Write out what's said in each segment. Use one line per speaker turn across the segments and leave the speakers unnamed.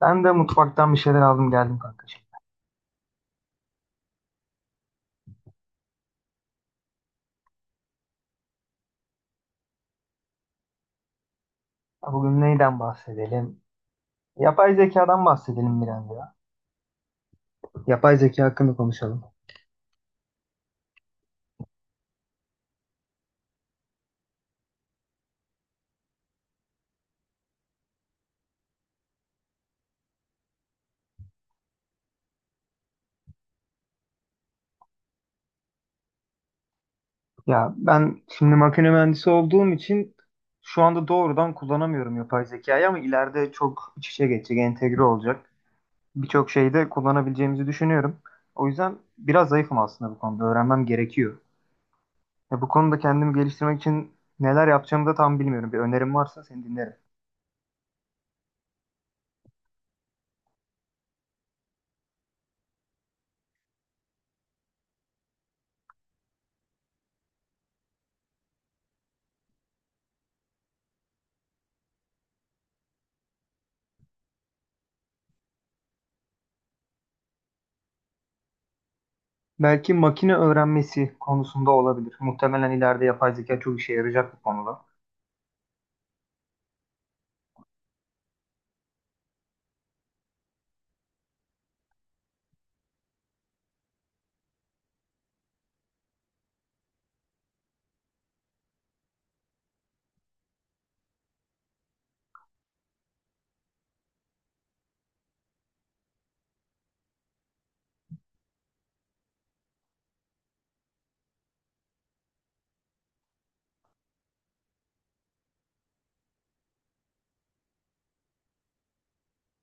Ben de mutfaktan bir şeyler aldım geldim kanka. Ya bugün neyden bahsedelim? Yapay zekadan bahsedelim biraz ya. Yapay zeka hakkında konuşalım. Ya ben şimdi makine mühendisi olduğum için şu anda doğrudan kullanamıyorum yapay zekayı ama ileride çok iç içe geçecek, entegre olacak. Birçok şeyde kullanabileceğimizi düşünüyorum. O yüzden biraz zayıfım aslında bu konuda. Öğrenmem gerekiyor. Ya bu konuda kendimi geliştirmek için neler yapacağımı da tam bilmiyorum. Bir önerim varsa seni dinlerim. Belki makine öğrenmesi konusunda olabilir. Muhtemelen ileride yapay zeka çok işe yarayacak bu konuda.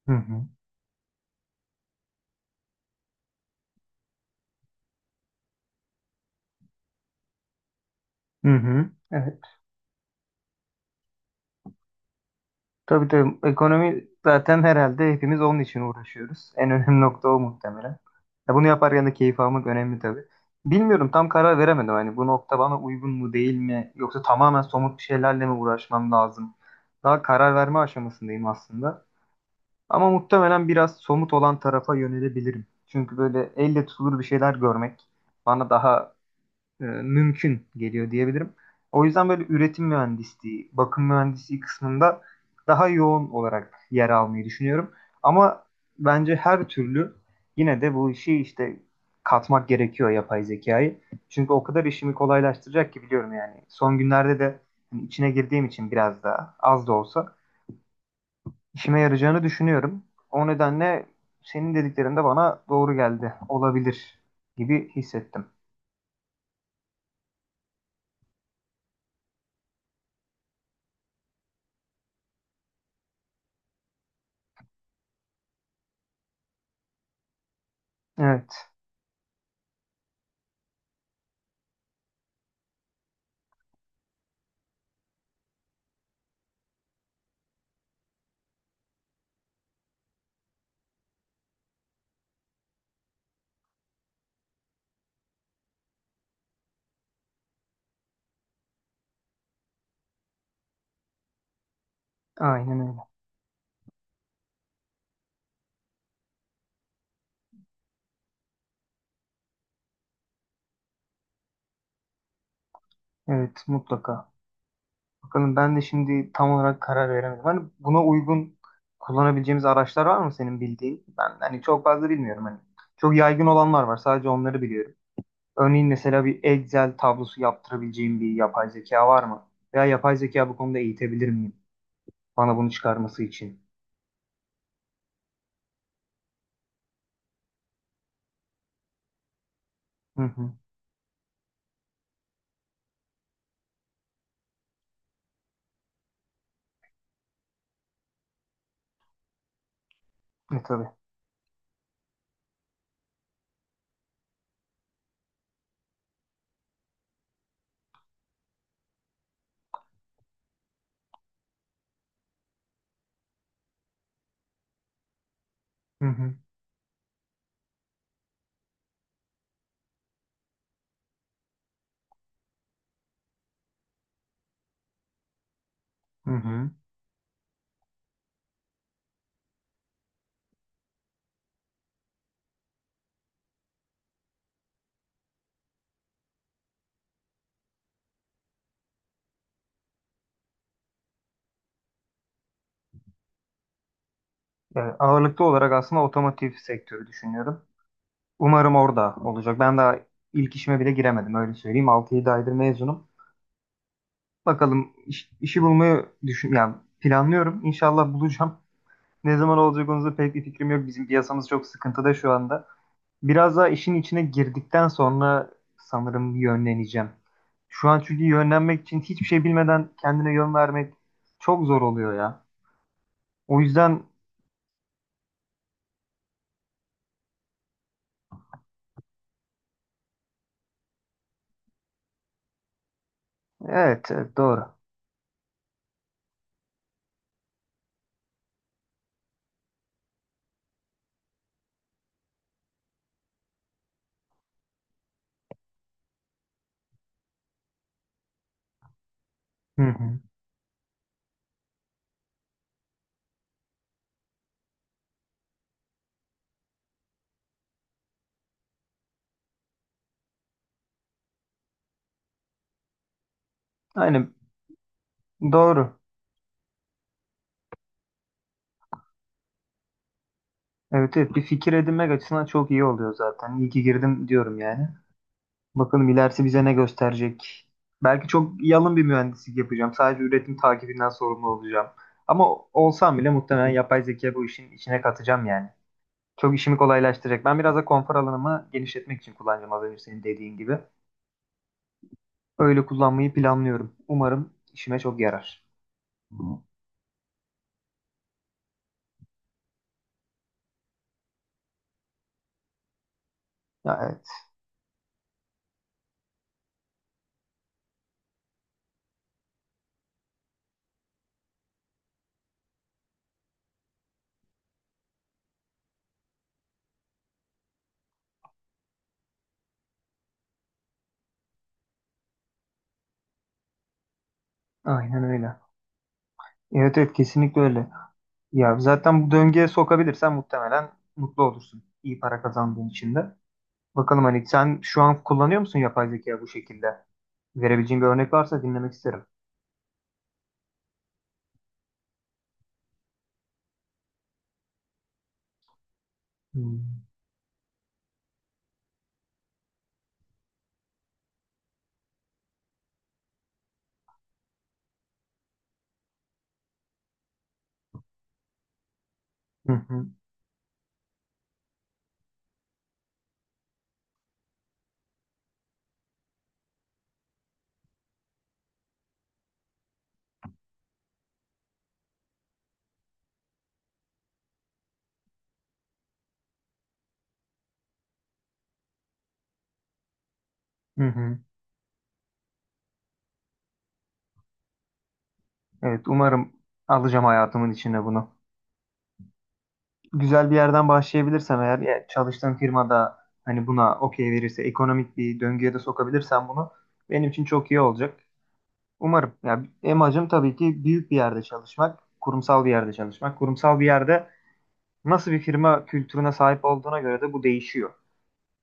Hı hı. Hı hı. Evet. Tabii tabii. Ekonomi zaten herhalde hepimiz onun için uğraşıyoruz. En önemli nokta o muhtemelen. Ya bunu yaparken de keyif almak önemli tabii. Bilmiyorum tam karar veremedim. Hani bu nokta bana uygun mu değil mi? Yoksa tamamen somut bir şeylerle mi uğraşmam lazım? Daha karar verme aşamasındayım aslında. Ama muhtemelen biraz somut olan tarafa yönelebilirim. Çünkü böyle elle tutulur bir şeyler görmek bana daha mümkün geliyor diyebilirim. O yüzden böyle üretim mühendisliği, bakım mühendisliği kısmında daha yoğun olarak yer almayı düşünüyorum. Ama bence her türlü yine de bu işi işte katmak gerekiyor yapay zekayı. Çünkü o kadar işimi kolaylaştıracak ki biliyorum yani. Son günlerde de hani içine girdiğim için biraz daha az da olsa işime yarayacağını düşünüyorum. O nedenle senin dediklerin de bana doğru geldi. Olabilir gibi hissettim. Evet, aynen öyle. Evet, mutlaka. Bakalım ben de şimdi tam olarak karar veremedim. Hani buna uygun kullanabileceğimiz araçlar var mı senin bildiğin? Ben hani çok fazla bilmiyorum hani. Çok yaygın olanlar var. Sadece onları biliyorum. Örneğin mesela bir Excel tablosu yaptırabileceğim bir yapay zeka var mı? Veya yapay zeka bu konuda eğitebilir miyim? Bana bunu çıkarması için. Hı hı. E tabii. Hı hı. Hı hı. Yani ağırlıklı olarak aslında otomotiv sektörü düşünüyorum. Umarım orada olacak. Ben daha ilk işime bile giremedim öyle söyleyeyim. 6-7 aydır mezunum. Bakalım işi bulmayı düşün yani planlıyorum. İnşallah bulacağım. Ne zaman olacak onun da pek bir fikrim yok. Bizim piyasamız çok sıkıntıda şu anda. Biraz daha işin içine girdikten sonra sanırım yönleneceğim. Şu an çünkü yönlenmek için hiçbir şey bilmeden kendine yön vermek çok zor oluyor ya. O yüzden evet, evet doğru. Hı hı. Aynen doğru. Evet evet bir fikir edinmek açısından çok iyi oluyor zaten. İyi ki girdim diyorum yani. Bakalım ilerisi bize ne gösterecek. Belki çok yalın bir mühendislik yapacağım. Sadece üretim takibinden sorumlu olacağım. Ama olsam bile muhtemelen yapay zeka bu işin içine katacağım yani. Çok işimi kolaylaştıracak. Ben biraz da konfor alanımı genişletmek için kullanacağım az önce senin dediğin gibi. Öyle kullanmayı planlıyorum. Umarım işime çok yarar. Ya, evet. Aynen öyle. Evet evet kesinlikle öyle. Ya zaten bu döngüye sokabilirsen muhtemelen mutlu olursun. İyi para kazandığın için de. Bakalım hani sen şu an kullanıyor musun yapay zeka bu şekilde? Verebileceğin bir örnek varsa dinlemek isterim. Hmm. Hı hı, hı hı. Evet umarım alacağım hayatımın içine bunu. Güzel bir yerden başlayabilirsem eğer ya çalıştığım firmada hani buna okey verirse ekonomik bir döngüye de sokabilirsem bunu benim için çok iyi olacak. Umarım. Ya amacım tabii ki büyük bir yerde çalışmak, kurumsal bir yerde çalışmak. Kurumsal bir yerde nasıl bir firma kültürüne sahip olduğuna göre de bu değişiyor.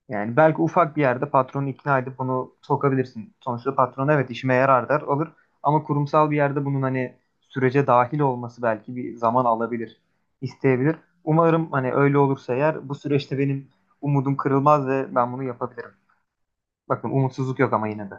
Yani belki ufak bir yerde patronu ikna edip bunu sokabilirsin. Sonuçta patron evet işime yarar der alır. Ama kurumsal bir yerde bunun hani sürece dahil olması belki bir zaman alabilir, isteyebilir. Umarım hani öyle olursa eğer bu süreçte benim umudum kırılmaz ve ben bunu yapabilirim. Bakın umutsuzluk yok ama yine de.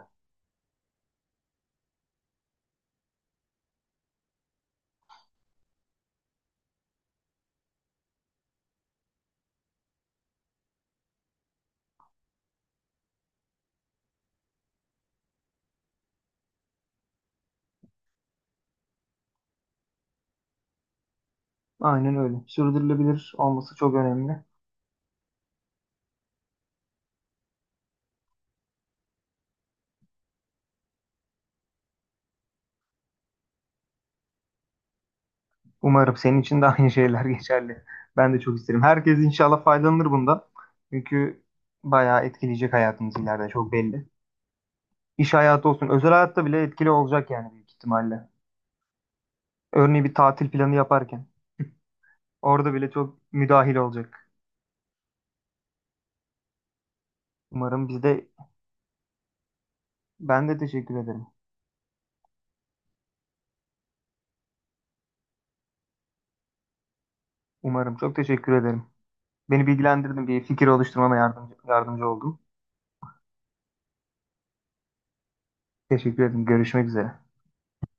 Aynen öyle. Sürdürülebilir olması çok önemli. Umarım senin için de aynı şeyler geçerli. Ben de çok isterim. Herkes inşallah faydalanır bundan. Çünkü bayağı etkileyecek hayatımız ileride çok belli. İş hayatı olsun, özel hayatta bile etkili olacak yani büyük ihtimalle. Örneğin bir tatil planı yaparken orada bile çok müdahil olacak. Umarım biz de ben de teşekkür ederim. Umarım çok teşekkür ederim. Beni bilgilendirdin, bir fikir oluşturmama yardımcı oldun. Teşekkür ederim. Görüşmek üzere.